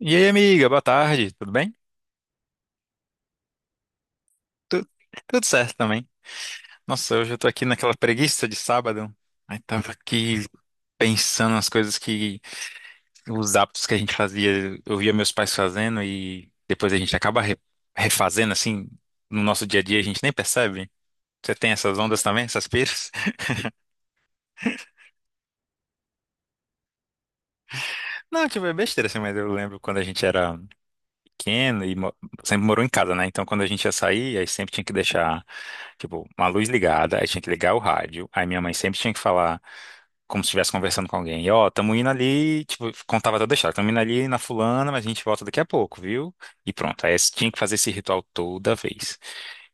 E aí, amiga, boa tarde, tudo bem? Tu- Tudo certo também. Nossa, hoje eu tô aqui naquela preguiça de sábado. Aí tava aqui pensando nas coisas que, os hábitos que a gente fazia, eu via meus pais fazendo e depois a gente acaba refazendo assim, no nosso dia a dia a gente nem percebe. Você tem essas ondas também, essas piras? Não, tipo, é besteira assim, mas eu lembro quando a gente era pequeno e sempre morou em casa, né? Então, quando a gente ia sair, aí sempre tinha que deixar, tipo, uma luz ligada, aí tinha que ligar o rádio. Aí minha mãe sempre tinha que falar como se estivesse conversando com alguém. E, ó, tamo indo ali, tipo, contava toda a história. Tamo indo ali na fulana, mas a gente volta daqui a pouco, viu? E pronto. Tinha que fazer esse ritual toda vez.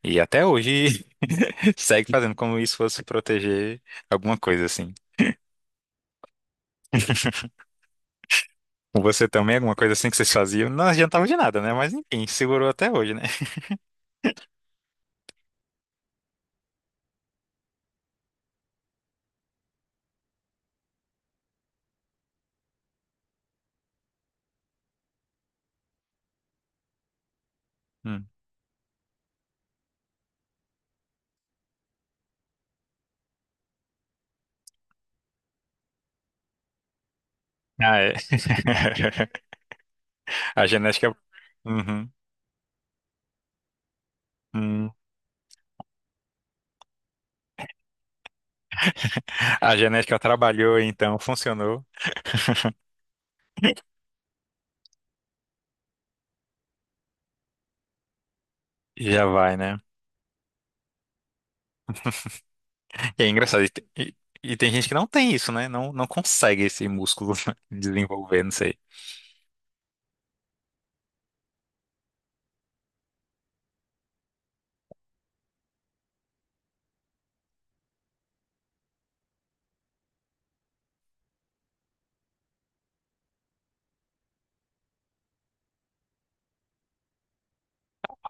E até hoje segue fazendo como isso fosse proteger alguma coisa assim. Com você também, alguma coisa assim que vocês faziam, não adiantava de nada, né? Mas enfim, segurou até hoje, né? Hum. Ah, é. A genética. Uhum. Hum. A genética trabalhou, então funcionou e já vai, né? E é engraçado. E tem gente que não tem isso, né? Não, não consegue esse músculo desenvolver, não sei.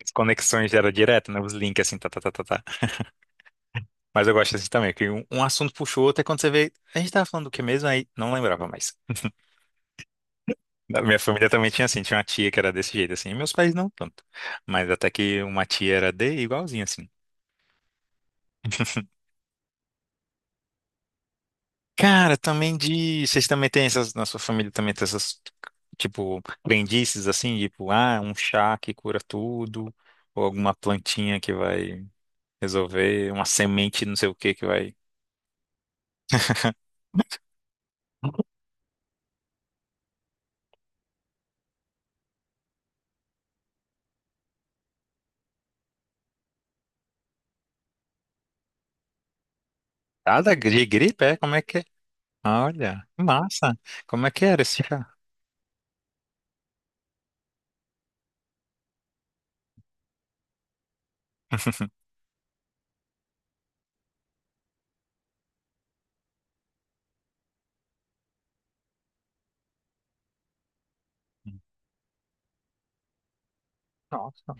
As conexões era direto, né? Os links assim, tá, tá, tá, tá, tá. Mas eu gosto assim também, que um assunto puxou o outro, é quando você vê. A gente tava falando do que mesmo, aí não lembrava mais. Da minha família também tinha assim, tinha uma tia que era desse jeito, assim, e meus pais não tanto. Mas até que uma tia era de igualzinho, assim. Cara, também de. Vocês também têm essas. Na sua família também tem essas, tipo, crendices, assim, tipo, ah, um chá que cura tudo, ou alguma plantinha que vai resolver, uma semente não sei o que que vai. Nada de gripe, é? Como é que é? Olha, que massa. Como é que era esse chá? Nossa.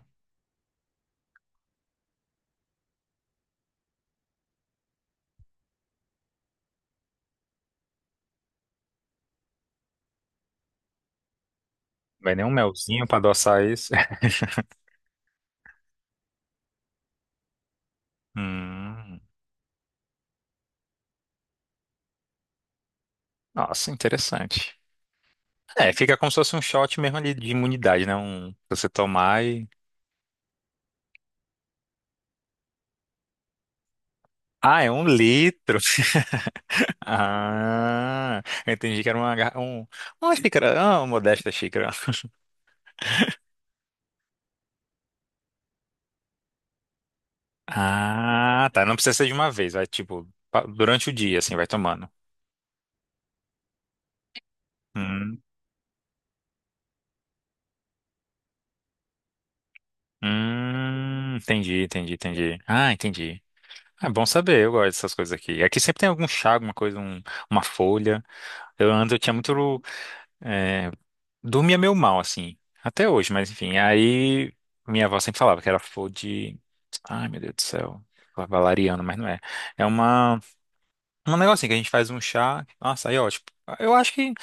Vai nem um melzinho pra adoçar isso. Hum, nossa, interessante. É, fica como se fosse um shot mesmo ali de imunidade, né? Um, você tomar e. Ah, é um litro. Ah, eu entendi que era uma, uma xícara, ah, uma modesta xícara. Ah, tá. Não precisa ser de uma vez, vai tipo durante o dia, assim, vai tomando. Hum, entendi, entendi, entendi. Ah, entendi. É bom saber, eu gosto dessas coisas aqui. Aqui sempre tem algum chá, alguma coisa, uma folha. Eu ando, eu tinha muito. É, dormia meio mal, assim. Até hoje, mas enfim. Aí minha avó sempre falava que era flor de. Ai, meu Deus do céu. Valeriana, mas não é. É uma, um negocinho que a gente faz um chá. Nossa, aí é ótimo. Eu acho que.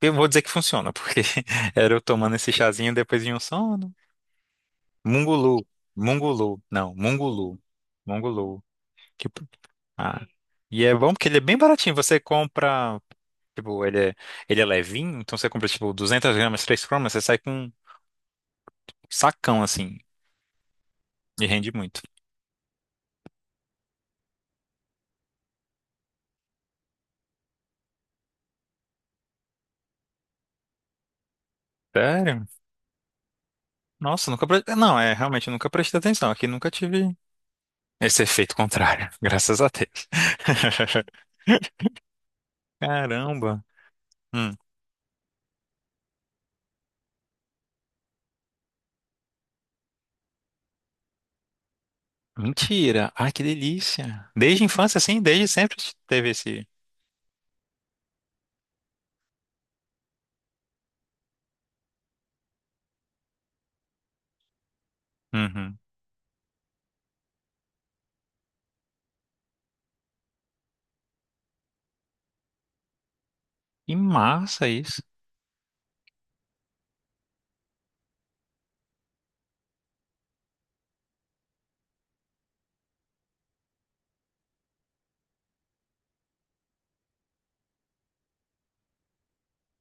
Eu vou dizer que funciona, porque era eu tomando esse chazinho depois de um sono. Mungulu. Mungulu. Não, mungulu. Mungulu. Tipo, ah, e é bom porque ele é bem baratinho. Você compra, tipo, ele é levinho, então você compra, tipo, 200 gramas, 3 cromas, você sai com um sacão, assim, e rende muito. Sério? Nossa, nunca... pre- não, é, realmente, eu nunca prestei atenção. Aqui nunca tive esse efeito contrário, graças a Deus. Caramba. Hum, mentira. Ai, que delícia. Desde a infância, assim, desde sempre teve esse... Uhum. Que massa isso.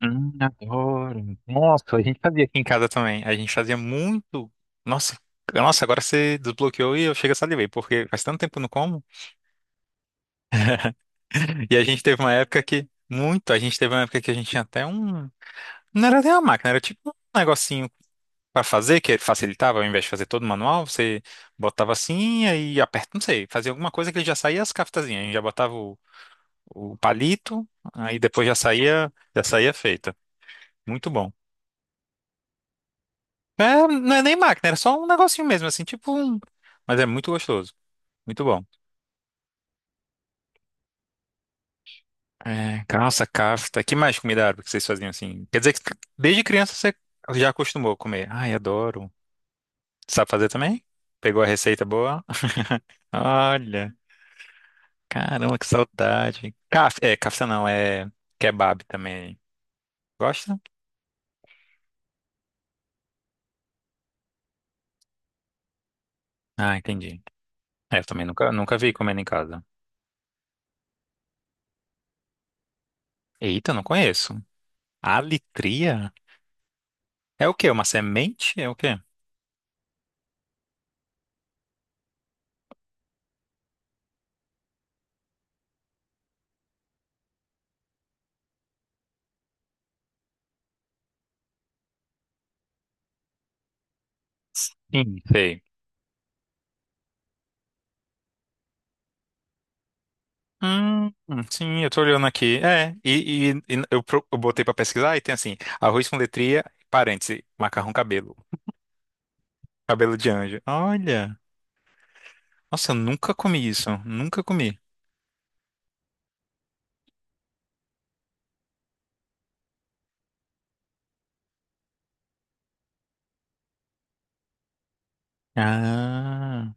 Adoro. Nossa, a gente fazia aqui em casa também. A gente fazia muito. Nossa, nossa, agora você desbloqueou e eu chego a salivei, porque faz tanto tempo que eu não como. E a gente teve uma época que. Muito. A gente teve uma época que a gente tinha até um. Não era nem uma máquina, era tipo um negocinho pra fazer, que facilitava, ao invés de fazer todo manual, você botava assim e aí aperta, não sei, fazia alguma coisa que ele já saía as caftazinhas. A gente já botava o palito, aí depois já saía feita. Muito bom. É, não é nem máquina, era só um negocinho mesmo, assim, tipo um. Mas é muito gostoso, muito bom. É, calça, kafta. Que mais comida árabe que vocês faziam assim? Quer dizer que desde criança você já acostumou a comer. Ai, adoro. Sabe fazer também? Pegou a receita boa? Olha, caramba, que saudade. Kaf, é, kafta não, é kebab também. Gosta? Ah, entendi. É, eu também nunca, nunca vi comendo em casa. Eita, não conheço. Alitria? É o quê? Uma semente? É o quê? Sim, sei. Hum, sim, eu tô olhando aqui. É, e eu, eu botei pra pesquisar e tem assim, arroz com letria, parêntese, macarrão cabelo, cabelo de anjo. Olha, nossa, eu nunca comi isso, nunca comi. Ah,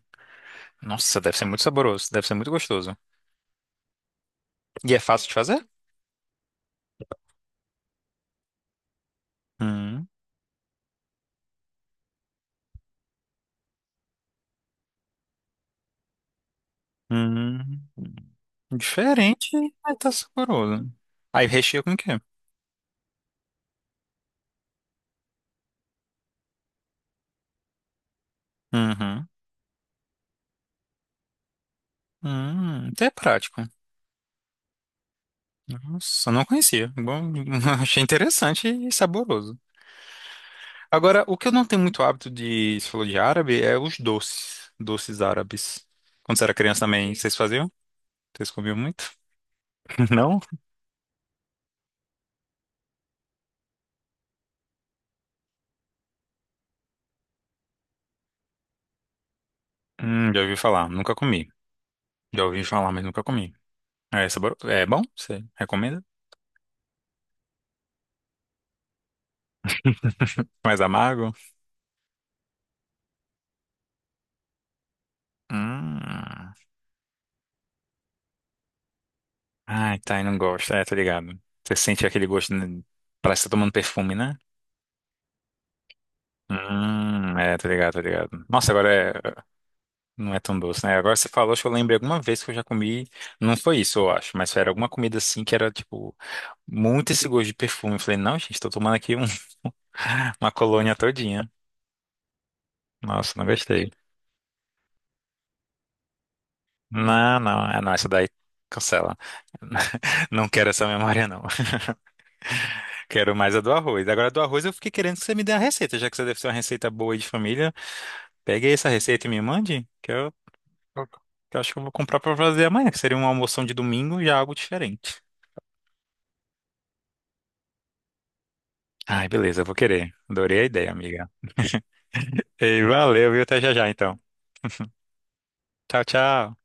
nossa, deve ser muito saboroso, deve ser muito gostoso. E é fácil de fazer? Hum, hum, diferente, mas tá saboroso. Aí recheia com o quê? Uhum, até é prático. Nossa, não conhecia. Bom, achei interessante e saboroso. Agora, o que eu não tenho muito hábito de, se falou de árabe, é os doces, doces árabes. Quando você era criança também, vocês faziam? Vocês comiam muito? Não? Já ouvi falar, nunca comi. Já ouvi falar, mas nunca comi. É, é sabor... é bom? Você recomenda? Mais amargo? Hum. Ai, tá, eu não gosto. É, tô ligado. Você sente aquele gosto, né? Parece que tá tomando perfume, né? É, tô ligado, tô ligado. Nossa, agora é não é tão doce, né? Agora você falou, acho que eu lembrei alguma vez que eu já comi. Não foi isso, eu acho, mas era alguma comida assim que era, tipo, muito esse gosto de perfume. Eu falei, não, gente, tô tomando aqui uma colônia todinha. Nossa, não gostei. Não, não, é não, essa daí cancela. Não quero essa memória, não. Quero mais a do arroz. Agora, a do arroz, eu fiquei querendo que você me dê a receita, já que você deve ser uma receita boa aí de família. Pegue aí essa receita e me mande, que eu acho que eu vou comprar pra fazer amanhã, que seria uma almoção de domingo e já algo diferente. Ai, beleza, eu vou querer. Adorei a ideia, amiga. E valeu, viu? Até já já, então. Tchau, tchau.